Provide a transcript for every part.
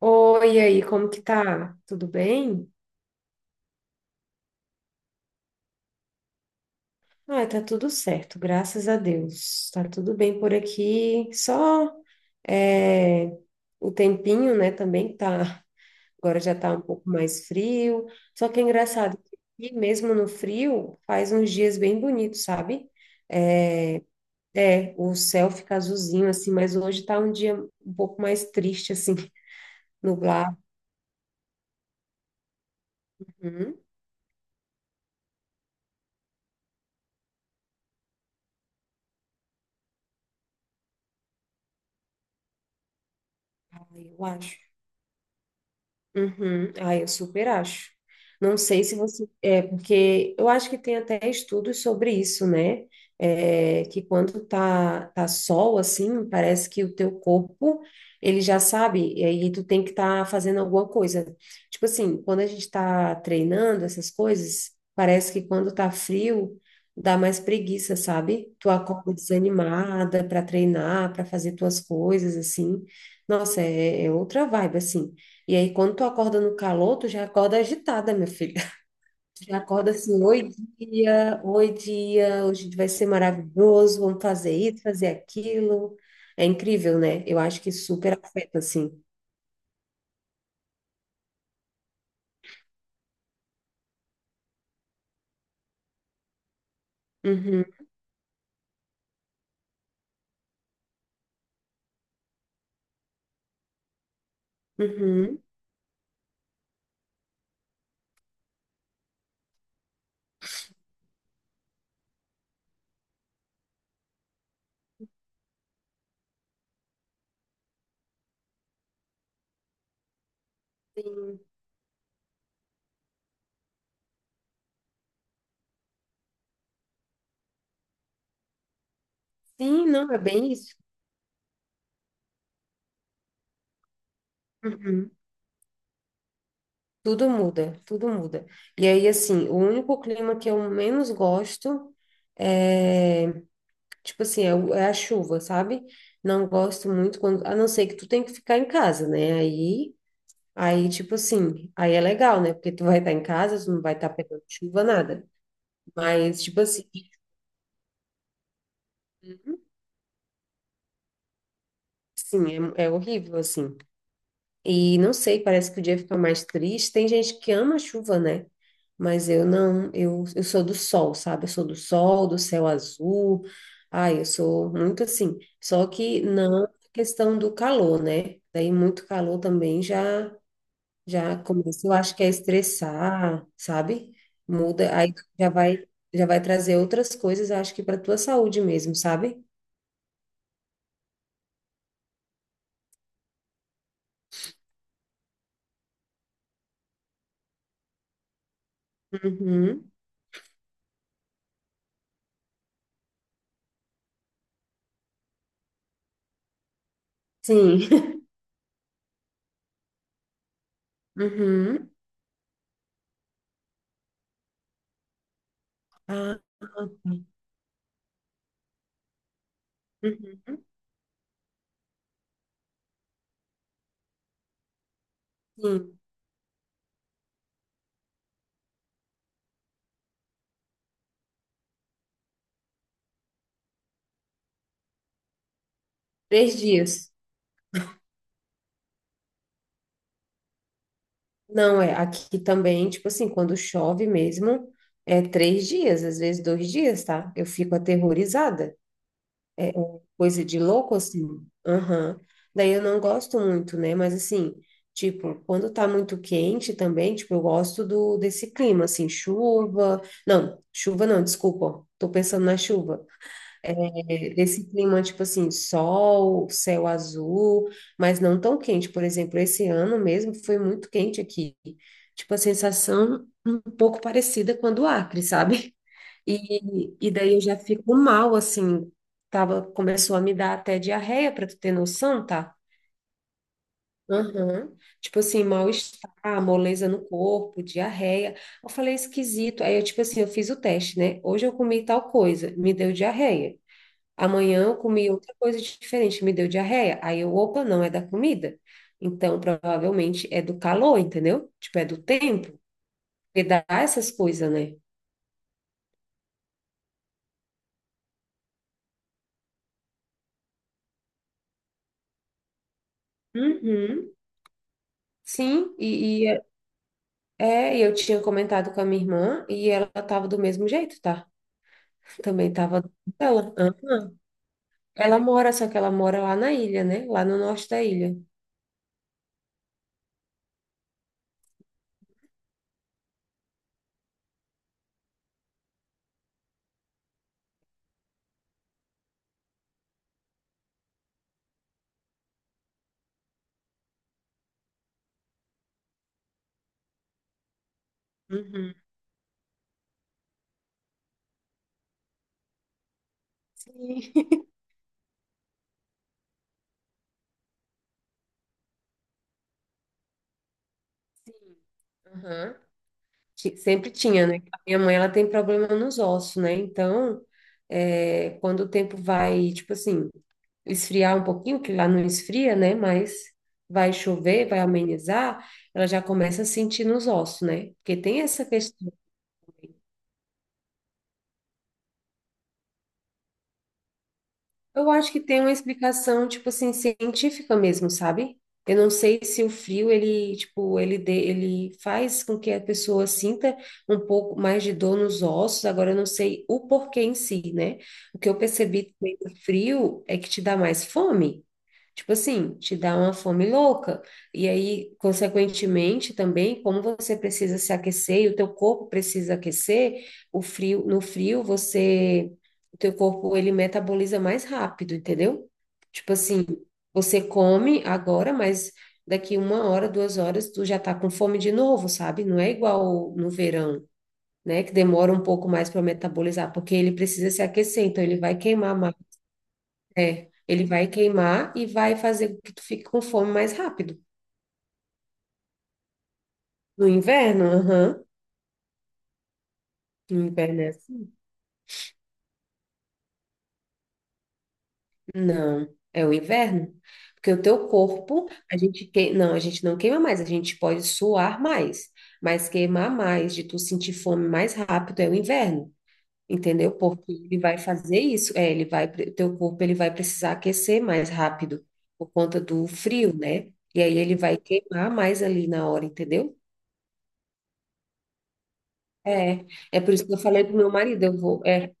Oi, e aí, como que tá? Tudo bem? Ah, tá tudo certo, graças a Deus. Tá tudo bem por aqui. Só é, o tempinho, né, também tá. Agora já tá um pouco mais frio. Só que é engraçado que aqui, mesmo no frio, faz uns dias bem bonitos, sabe? É, o céu fica azulzinho, assim, mas hoje tá um dia um pouco mais triste, assim, nublado. Hum. Ah, eu acho. Uhum. Ah, eu super acho. Não sei se você. É, porque eu acho que tem até estudos sobre isso, né? É, que quando tá sol, assim, parece que o teu corpo, ele já sabe, e aí tu tem que estar fazendo alguma coisa. Tipo assim, quando a gente tá treinando essas coisas, parece que quando tá frio, dá mais preguiça, sabe? Tu acorda desanimada para treinar, para fazer tuas coisas, assim. Nossa, é outra vibe, assim. E aí, quando tu acorda no calor, tu já acorda agitada, minha filha. Tu já acorda assim, oi dia, hoje vai ser maravilhoso, vamos fazer isso, fazer aquilo. É incrível, né? Eu acho que super afeta, assim. Uhum, uhum. Sim. Sim, não, é bem isso. Uhum. Tudo muda, tudo muda. E aí, assim, o único clima que eu menos gosto é, tipo assim, é a chuva, sabe? Não gosto muito quando, a não ser que tu tem que ficar em casa, né? Aí, tipo assim, aí é legal, né? Porque tu vai estar em casa, tu não vai estar pegando chuva, nada. Mas, tipo assim, sim, é horrível, assim. E não sei, parece que o dia fica mais triste. Tem gente que ama a chuva, né? Mas eu não, eu sou do sol, sabe? Eu sou do sol, do céu azul. Ai, eu sou muito assim. Só que não a questão do calor, né? Daí muito calor também já. Já começa, eu acho que é estressar, sabe? Muda, já vai, já vai trazer outras coisas, acho que para tua saúde mesmo, sabe? Uhum. Sim. Uhum. Ah, ah, tá. Uhum. Sim. Três dias. Não, é, aqui também, tipo assim, quando chove mesmo, é três dias, às vezes dois dias, tá? Eu fico aterrorizada. Coisa de louco, assim. Aham. Daí eu não gosto muito, né? Mas assim, tipo, quando tá muito quente também, tipo, eu gosto do desse clima, assim, chuva. Não, chuva não, desculpa. Tô pensando na chuva. É, desse clima, tipo assim, sol, céu azul, mas não tão quente. Por exemplo, esse ano mesmo foi muito quente aqui. Tipo, a sensação um pouco parecida com a do Acre, sabe? E daí eu já fico mal, assim, tava, começou a me dar até diarreia, para tu ter noção, tá? Aham. Tipo assim, mal-estar, moleza no corpo, diarreia. Eu falei, é esquisito. Aí eu, tipo assim, eu fiz o teste, né? Hoje eu comi tal coisa, me deu diarreia. Amanhã eu comi outra coisa diferente, me deu diarreia. Aí eu, opa, não é da comida. Então, provavelmente é do calor, entendeu? Tipo, é do tempo. Porque dá essas coisas, né? Uhum. Sim. É, e eu tinha comentado com a minha irmã e ela tava do mesmo jeito, tá? Também tava dela. Hã? Ela mora, só que ela mora lá na ilha, né? Lá no norte da ilha. Uhum. Sim. Sim. Aham. Sempre tinha, né? A minha mãe, ela tem problema nos ossos, né? Então, é, quando o tempo vai, tipo assim, esfriar um pouquinho, que lá não esfria, né? Mas vai chover, vai amenizar, ela já começa a sentir nos ossos, né? Porque tem essa questão. Eu acho que tem uma explicação, tipo assim, científica mesmo, sabe? Eu não sei se o frio, ele, tipo, ele faz com que a pessoa sinta um pouco mais de dor nos ossos, agora eu não sei o porquê em si, né? O que eu percebi também do frio é que te dá mais fome. Tipo assim, te dá uma fome louca. E aí, consequentemente, também, como você precisa se aquecer e o teu corpo precisa aquecer, o frio, no frio você o teu corpo ele metaboliza mais rápido, entendeu? Tipo assim, você come agora, mas daqui uma hora, duas horas, tu já tá com fome de novo, sabe? Não é igual no verão, né? Que demora um pouco mais para metabolizar, porque ele precisa se aquecer, então ele vai queimar mais. É, ele vai queimar e vai fazer com que tu fique com fome mais rápido. No inverno, aham. No inverno é assim. Não, é o inverno. Porque o teu corpo, não, a gente não queima mais, a gente pode suar mais, mas queimar mais, de tu sentir fome mais rápido é o inverno. Entendeu? Porque ele vai fazer isso, é, teu corpo ele vai precisar aquecer mais rápido por conta do frio, né? E aí ele vai queimar mais ali na hora, entendeu? É, é por isso que eu falei pro meu marido,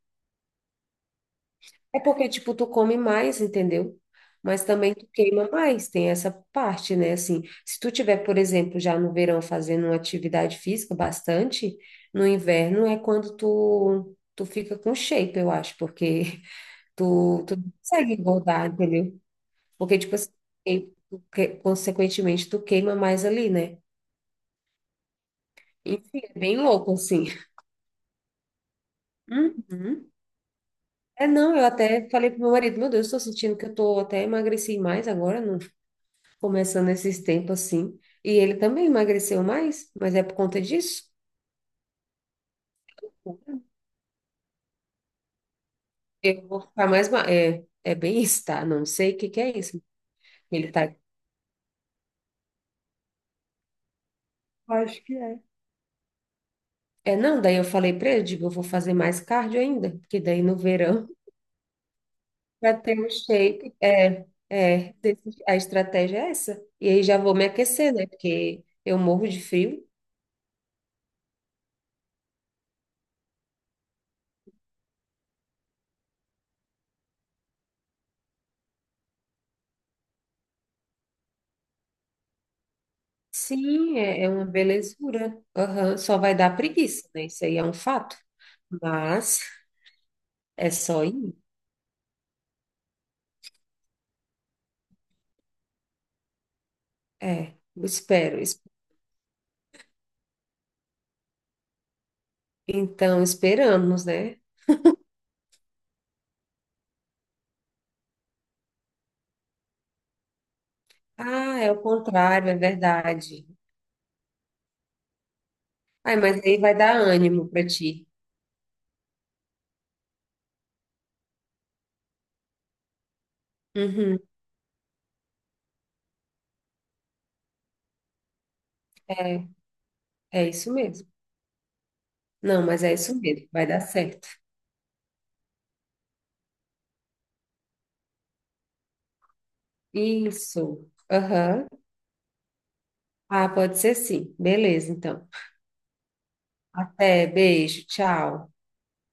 é porque, tipo, tu come mais, entendeu? Mas também tu queima mais, tem essa parte, né? Assim, se tu tiver, por exemplo, já no verão fazendo uma atividade física bastante, no inverno é quando tu fica com shape, eu acho, porque tu não consegue engordar, entendeu? Porque, tipo assim, e consequentemente, tu queima mais ali, né? Enfim, é bem louco, assim. Uhum. É, não, eu até falei pro meu marido, meu Deus, estou sentindo que eu tô até emagreci mais agora, começando esses tempos assim. E ele também emagreceu mais, mas é por conta disso. Eu vou ficar mais. Ma- É, é bem isso, tá? Não sei o que que é isso. Ele tá. Acho que é. É, não, daí eu falei pra ele, digo, eu vou fazer mais cardio ainda, porque daí no verão vai ter um shape. A estratégia é essa. E aí já vou me aquecer, né? Porque eu morro de frio. Sim, é, é uma belezura. Aham. Só vai dar preguiça, né? Isso aí é um fato. Mas é só ir. É, espero. es- Então, esperamos, né? Ah, é o contrário, é verdade. Ai, mas aí vai dar ânimo para ti. Uhum, é, é isso mesmo. Não, mas é isso mesmo, vai dar certo. Isso. Aham. Ah, pode ser sim. Beleza, então. Até, beijo, tchau.